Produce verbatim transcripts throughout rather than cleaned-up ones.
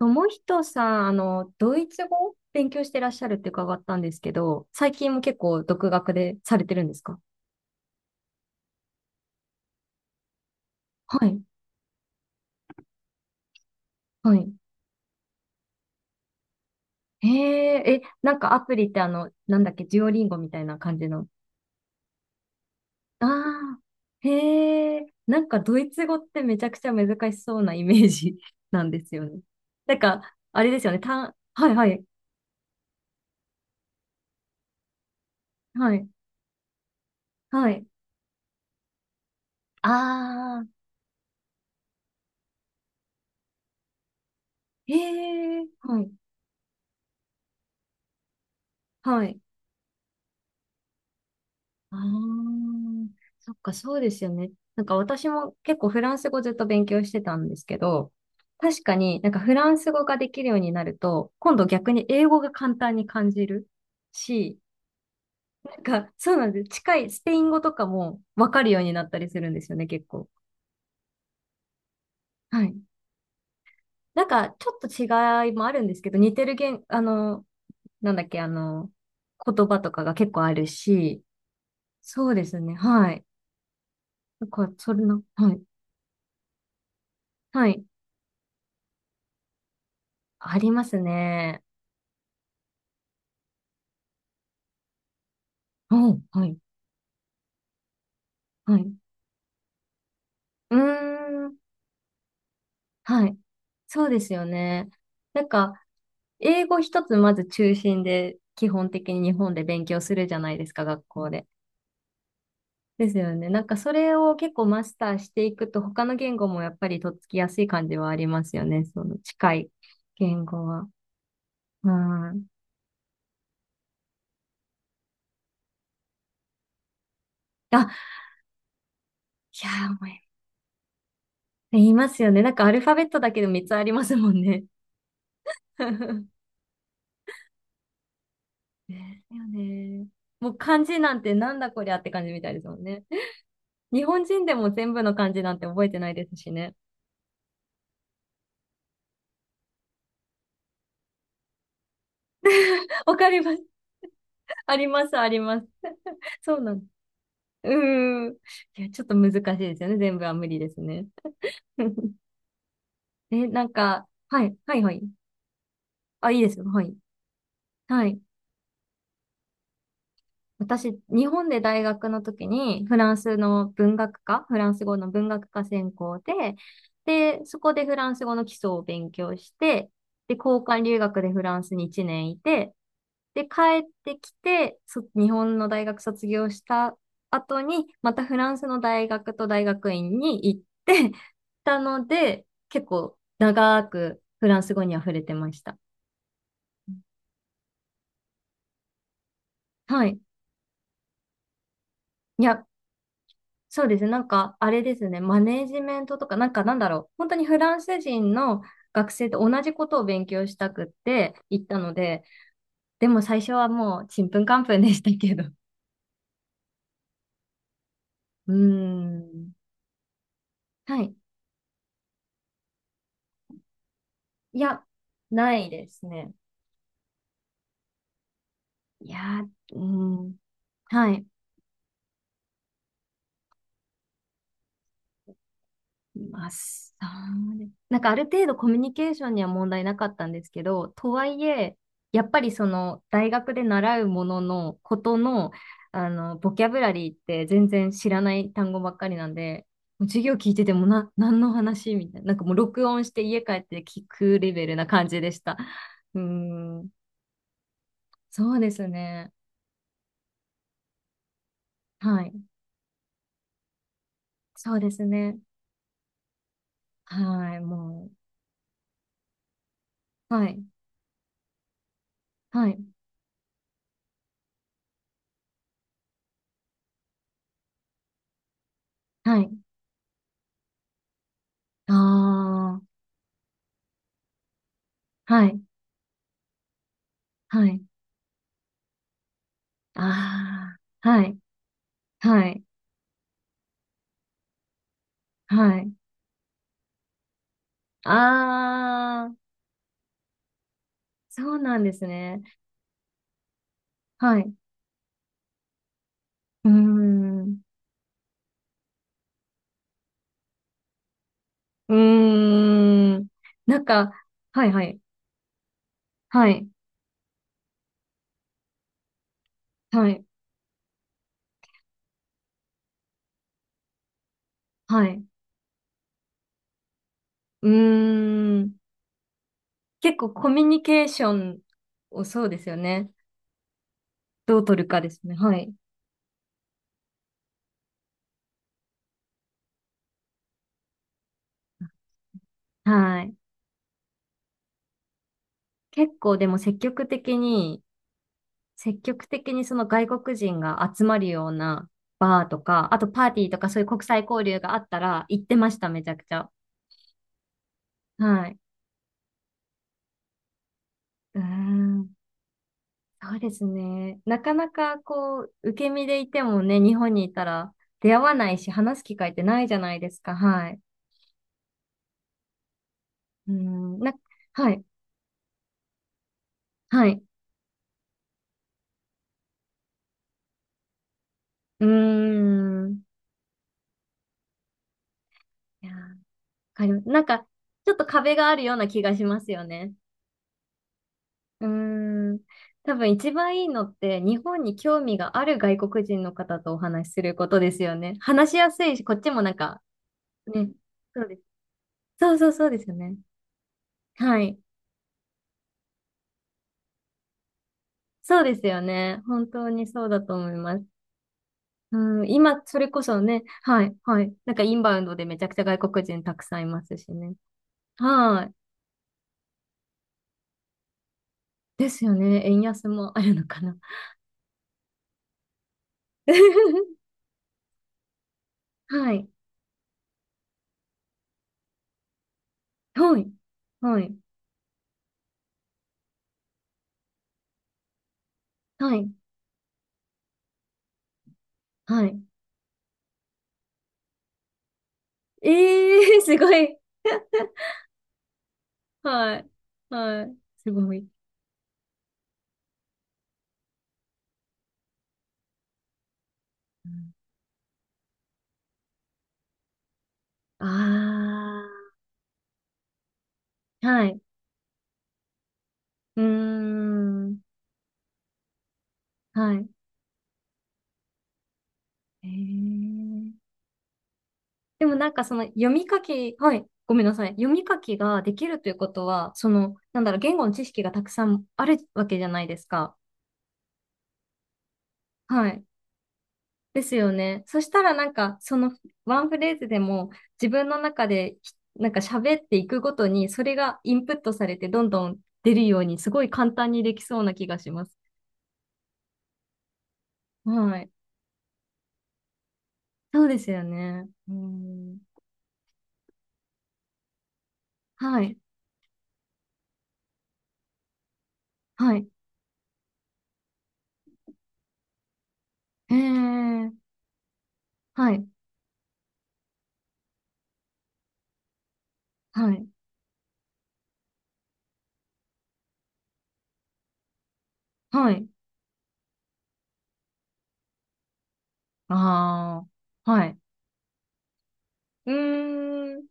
友人さん、あの、ドイツ語を勉強してらっしゃるって伺ったんですけど、最近も結構独学でされてるんですか？はい、はい。へえ、え、なんかアプリってあの、なんだっけ、デュオリンゴみたいな感じの。ああ、へえ、なんかドイツ語ってめちゃくちゃ難しそうなイメージ なんですよね。なんか、あれですよね、単はい、はい、はい、はい。ああ、へえ、はい、はい。ああ、そっか、そうですよね。なんか私も結構フランス語ずっと勉強してたんですけど、確かになんかフランス語ができるようになると、今度逆に英語が簡単に感じるし、なんかそうなんです。近いスペイン語とかもわかるようになったりするんですよね、結構。はい。なんかちょっと違いもあるんですけど、似てる言、あの、なんだっけ、あの、言葉とかが結構あるし、そうですね、はい。なんか、それな、はい。はい、ありますね。うん、はい、はい。うーん、はい。そうですよね。なんか、英語一つまず中心で、基本的に日本で勉強するじゃないですか、学校で。ですよね。なんか、それを結構マスターしていくと、他の言語もやっぱりとっつきやすい感じはありますよね。その近い言語は。うん。あ、いやー、思い言いますよね。なんか、アルファベットだけでみっつありますもんね。ねえ、だよね。もう漢字なんてなんだこりゃって感じみたいですもんね。日本人でも全部の漢字なんて覚えてないですしね。わかります。あります、あります。そうなんです。うーん。いや、ちょっと難しいですよね。全部は無理ですね。え、なんか、はい、はい、はい。あ、いいですよ。はい。はい。私、日本で大学の時にフランスの文学科、フランス語の文学科専攻で、で、そこでフランス語の基礎を勉強して、で、交換留学でフランスにいちねんいて、で、帰ってきて、そ日本の大学卒業した後に、またフランスの大学と大学院に行ってたので、結構長くフランス語に溢れてました。はい。いや、そうですね。なんか、あれですね。マネージメントとか、なんかなんだろう。本当にフランス人の学生と同じことを勉強したくって行ったので、でも最初はもうちんぷんかんぷんでしたけど。うーん。はい。いや、ないですね。いや、うーん。はい。まあ、そうです。なんかある程度コミュニケーションには問題なかったんですけど、とはいえ、やっぱりその大学で習うもののことの、あの、ボキャブラリーって全然知らない単語ばっかりなんで、もう授業聞いててもな、何の話みたいな、なんかもう録音して家帰って聞くレベルな感じでした。うーん、そうですね。はい。そうですね。はい、もう。はい、はい、はい。ああ、はい、はい。ああ、はい、はい、はい。ああ、そうなんですね。はい。うーん。うーん。なんか、はい、はい、はい、はい、はい。うーん。結構コミュニケーションを、そうですよね。どう取るかですね。はい、はい。結構でも積極的に、積極的にその外国人が集まるようなバーとか、あとパーティーとかそういう国際交流があったら行ってました、めちゃくちゃ。はい。うーん。そうですね。なかなかこう、受け身でいてもね、日本にいたら出会わないし、話す機会ってないじゃないですか。はい。うーん。な、はい。はい。うーん。いやー、わかります。なんか、ちょっと壁があるような気がしますよね。うーん、多分一番いいのって日本に興味がある外国人の方とお話しすることですよね。話しやすいし、こっちもなんかね、そうです。そう、そう、そうですよね。はい。そうですよね。本当にそうだと思います。うん、今、それこそね、はい、はい。なんかインバウンドでめちゃくちゃ外国人たくさんいますしね。はい。ですよね。円安もあるのかな。はい。はい。はい。はい。はい。ええー、すごい。はい。はい。すごい。ああ、はい。うーん。はい。えー。でもなんかその読み書き、はい。ごめんなさい。読み書きができるということは、その、なんだろう、言語の知識がたくさんあるわけじゃないですか。はい。ですよね。そしたらなんか、そのワンフレーズでも自分の中で、なんか喋っていくごとに、それがインプットされてどんどん出るように、すごい簡単にできそうな気がします。はい。そうですよね。うん。はい。はい。えー。はい。はい。はい。ああ。はい。うーん。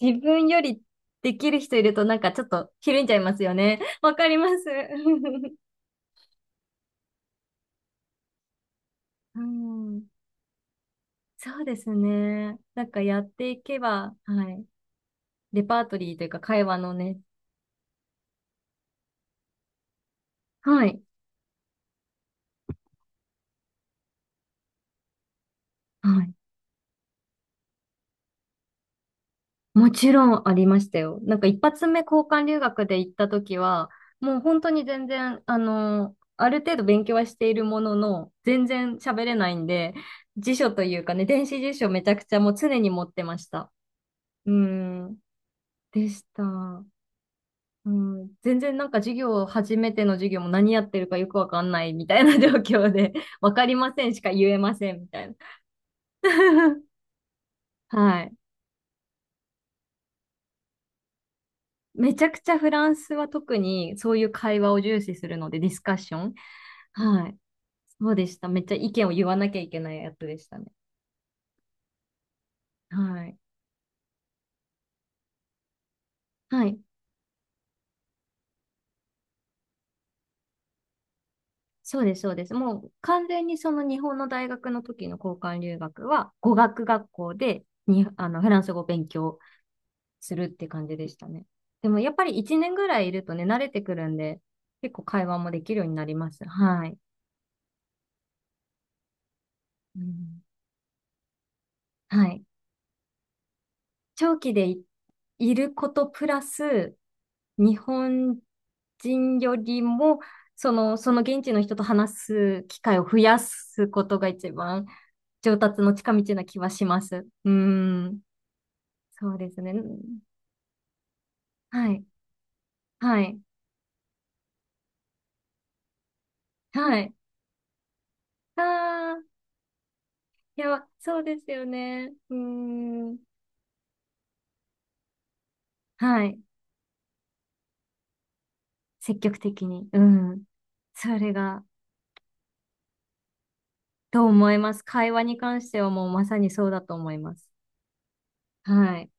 自分よりできる人いるとなんかちょっとひるんじゃいますよね。わかります。うん。そうですね。なんかやっていけば、はい。レパートリーというか会話のね。はい。はい。もちろんありましたよ。なんか一発目交換留学で行った時は、もう本当に全然、あの、ある程度勉強はしているものの、全然喋れないんで、辞書というかね、電子辞書めちゃくちゃもう常に持ってました。うん、でした。うん、全然なんか授業、初めての授業も何やってるかよくわかんないみたいな状況で、わかりませんしか言えませんみたいな。はい。めちゃくちゃフランスは特にそういう会話を重視するので、ディスカッション。はい。そうでした。めっちゃ意見を言わなきゃいけないやつでしたね。はい。はい。そうです、そうです。もう完全にその日本の大学の時の交換留学は語学学校でにあのフランス語を勉強するって感じでしたね。でもやっぱりいちねんぐらいいるとね、慣れてくるんで、結構会話もできるようになります。はい。うん、はい。長期でいいることプラス、日本人よりも、その、その現地の人と話す機会を増やすことが一番上達の近道な気はします。うん。そうですね。はい。はい。はい。ああ、いや、そうですよね。うん。はい。積極的に。うん。それが、どう思います？会話に関してはもうまさにそうだと思います。はい。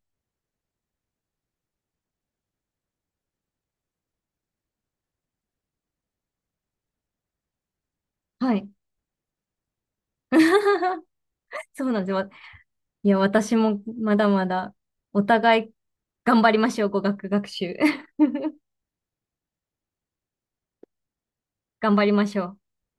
はい。そうなんですよ。いや、私もまだまだお互い頑張りましょう、語学学習。頑張りましょう。